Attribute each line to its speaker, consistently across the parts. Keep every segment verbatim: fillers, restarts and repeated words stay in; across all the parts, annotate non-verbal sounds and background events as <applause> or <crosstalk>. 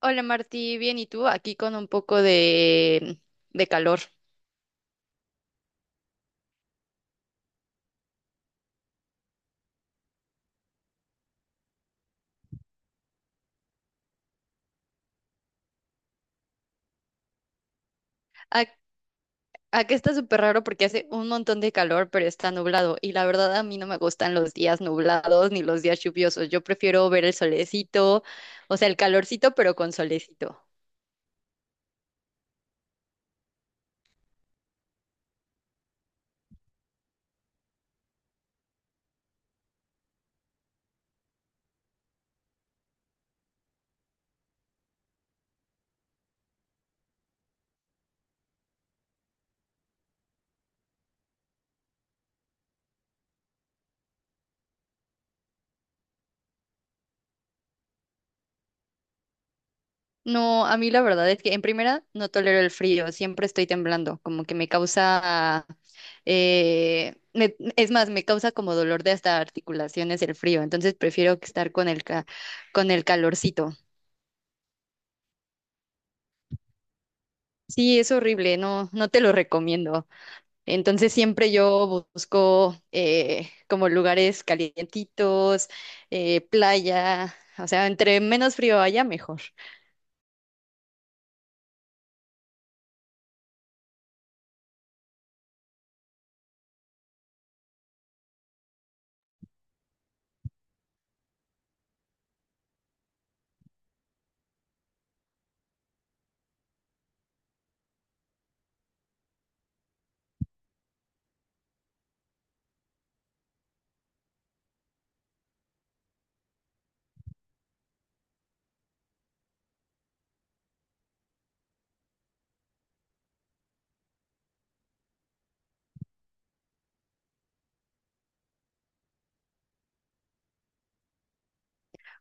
Speaker 1: Hola Martí, bien, ¿y tú? Aquí con un poco de, de calor. Ac- Acá está súper raro porque hace un montón de calor, pero está nublado. Y la verdad a mí no me gustan los días nublados ni los días lluviosos. Yo prefiero ver el solecito, o sea, el calorcito, pero con solecito. No, a mí la verdad es que en primera no tolero el frío, siempre estoy temblando, como que me causa, eh, me- es más, me causa como dolor de hasta articulaciones el frío, entonces prefiero que estar con el, ca- con el calorcito. Sí, es horrible, no, no te lo recomiendo. Entonces siempre yo busco eh, como lugares calientitos, eh, playa, o sea, entre menos frío haya, mejor.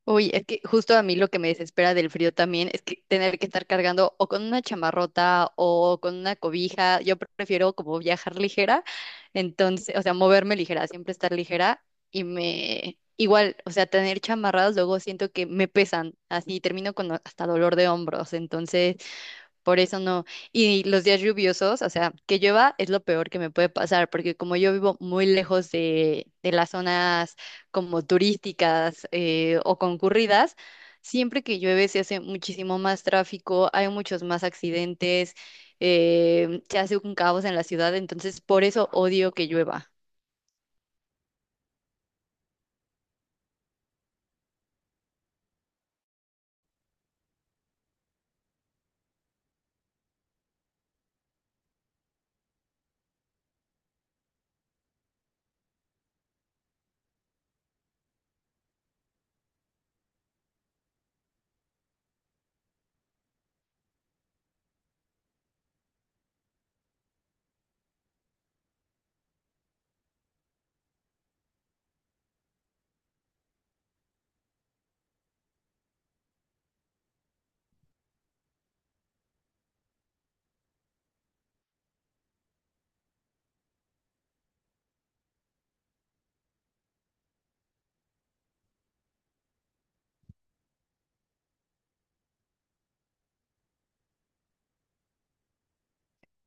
Speaker 1: Uy, es que justo a mí lo que me desespera del frío también es que tener que estar cargando o con una chamarrota o con una cobija. Yo prefiero como viajar ligera, entonces, o sea, moverme ligera, siempre estar ligera y me igual, o sea, tener chamarradas luego siento que me pesan, así termino con hasta dolor de hombros. Entonces, por eso no. Y los días lluviosos, o sea, que llueva es lo peor que me puede pasar, porque como yo vivo muy lejos de, de las zonas como turísticas eh, o concurridas, siempre que llueve se hace muchísimo más tráfico, hay muchos más accidentes, eh, se hace un caos en la ciudad, entonces por eso odio que llueva.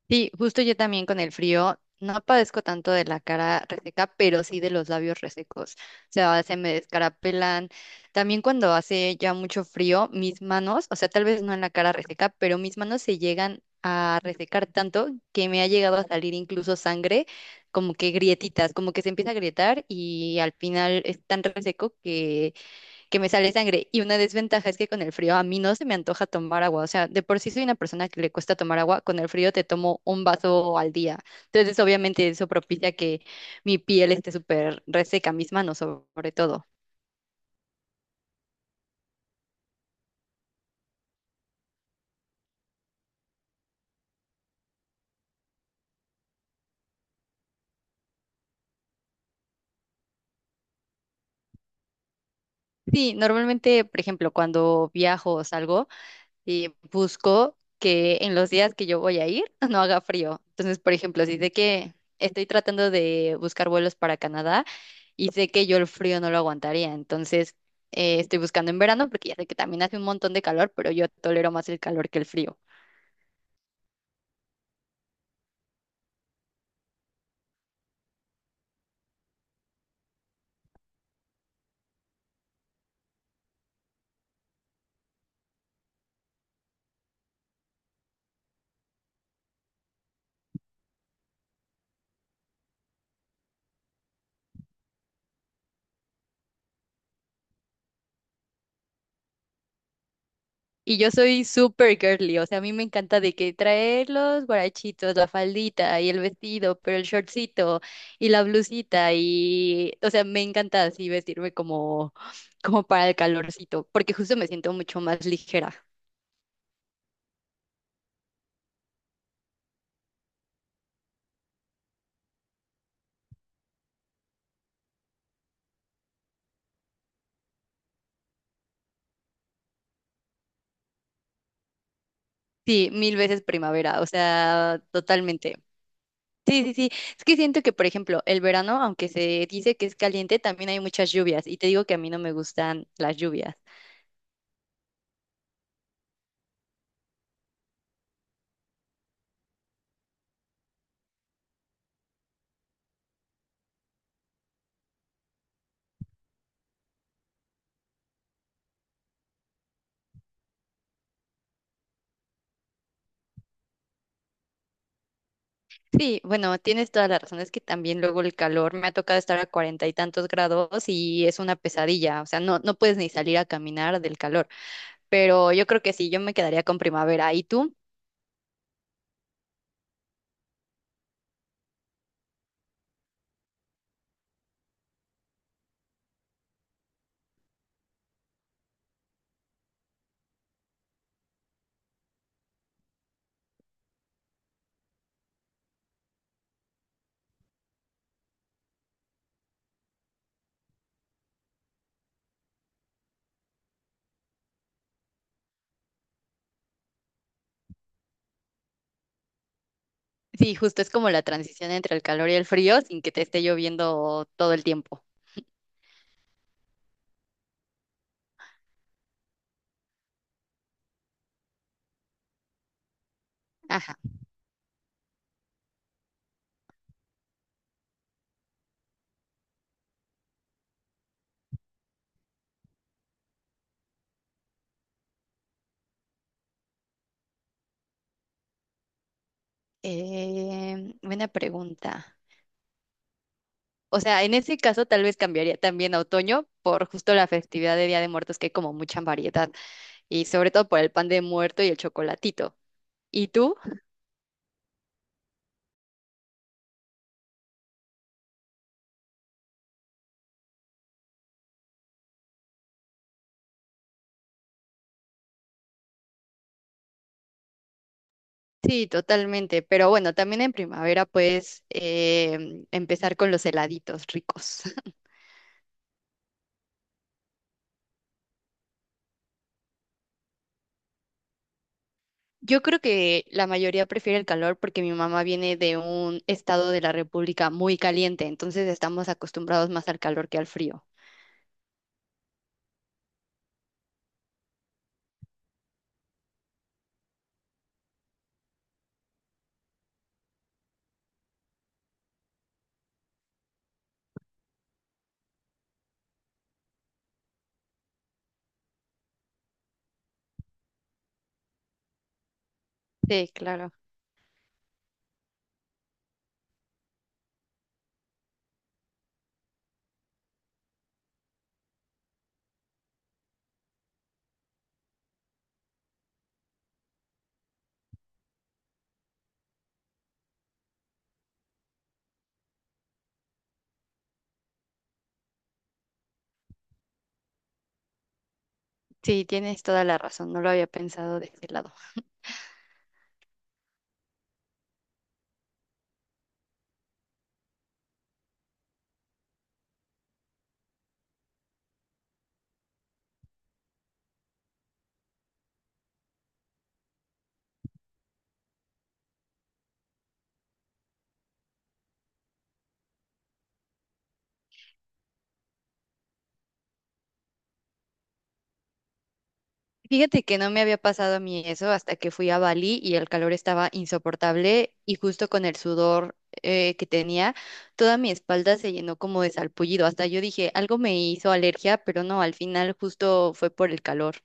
Speaker 1: Sí, justo yo también con el frío no padezco tanto de la cara reseca, pero sí de los labios resecos. O sea, se me descarapelan. También cuando hace ya mucho frío, mis manos, o sea, tal vez no en la cara reseca, pero mis manos se llegan a resecar tanto que me ha llegado a salir incluso sangre, como que grietitas, como que se empieza a grietar y al final es tan reseco que me sale sangre. Y una desventaja es que con el frío a mí no se me antoja tomar agua. O sea, de por sí soy una persona que le cuesta tomar agua. Con el frío te tomo un vaso al día. Entonces, obviamente, eso propicia que mi piel esté súper reseca, mis manos sobre todo. Sí, normalmente, por ejemplo, cuando viajo o salgo, eh, busco que en los días que yo voy a ir <laughs> no haga frío. Entonces, por ejemplo, si sé que estoy tratando de buscar vuelos para Canadá, y sé que yo el frío no lo aguantaría, entonces eh, estoy buscando en verano porque ya sé que también hace un montón de calor, pero yo tolero más el calor que el frío. Y yo soy súper girly, o sea, a mí me encanta de que traer los guarachitos, la faldita y el vestido, pero el shortcito y la blusita y, o sea, me encanta así vestirme como, como para el calorcito, porque justo me siento mucho más ligera. Sí, mil veces primavera, o sea, totalmente. Sí, sí, sí. Es que siento que, por ejemplo, el verano, aunque se dice que es caliente, también hay muchas lluvias. Y te digo que a mí no me gustan las lluvias. Sí, bueno, tienes toda la razón. Es que también luego el calor me ha tocado estar a cuarenta y tantos grados y es una pesadilla. O sea, no, no puedes ni salir a caminar del calor. Pero yo creo que sí, yo me quedaría con primavera. ¿Y tú? Sí, justo es como la transición entre el calor y el frío sin que te esté lloviendo todo el tiempo. Ajá. Eh, buena pregunta. O sea, en ese caso tal vez cambiaría también a otoño por justo la festividad de Día de Muertos, que hay como mucha variedad, y sobre todo por el pan de muerto y el chocolatito. ¿Y tú? Sí, totalmente. Pero bueno, también en primavera puedes em, empezar con los heladitos ricos. <laughs> Yo creo que la mayoría prefiere el calor porque mi mamá viene de un estado de la República muy caliente, entonces estamos acostumbrados más al calor que al frío. Sí, claro. Sí, tienes toda la razón. No lo había pensado de ese lado. Fíjate que no me había pasado a mí eso hasta que fui a Bali y el calor estaba insoportable y justo con el sudor eh, que tenía, toda mi espalda se llenó como de salpullido. Hasta yo dije, algo me hizo alergia, pero no, al final justo fue por el calor.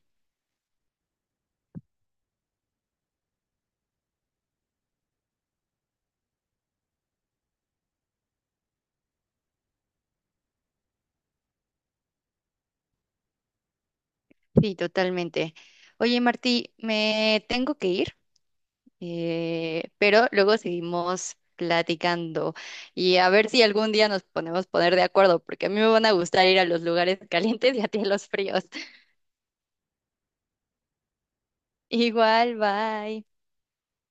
Speaker 1: Sí, totalmente. Oye, Martí, me tengo que ir, eh, pero luego seguimos platicando y a ver si algún día nos ponemos poner de acuerdo, porque a mí me van a gustar ir a los lugares <laughs> calientes y a ti a los fríos. <laughs> Igual, bye.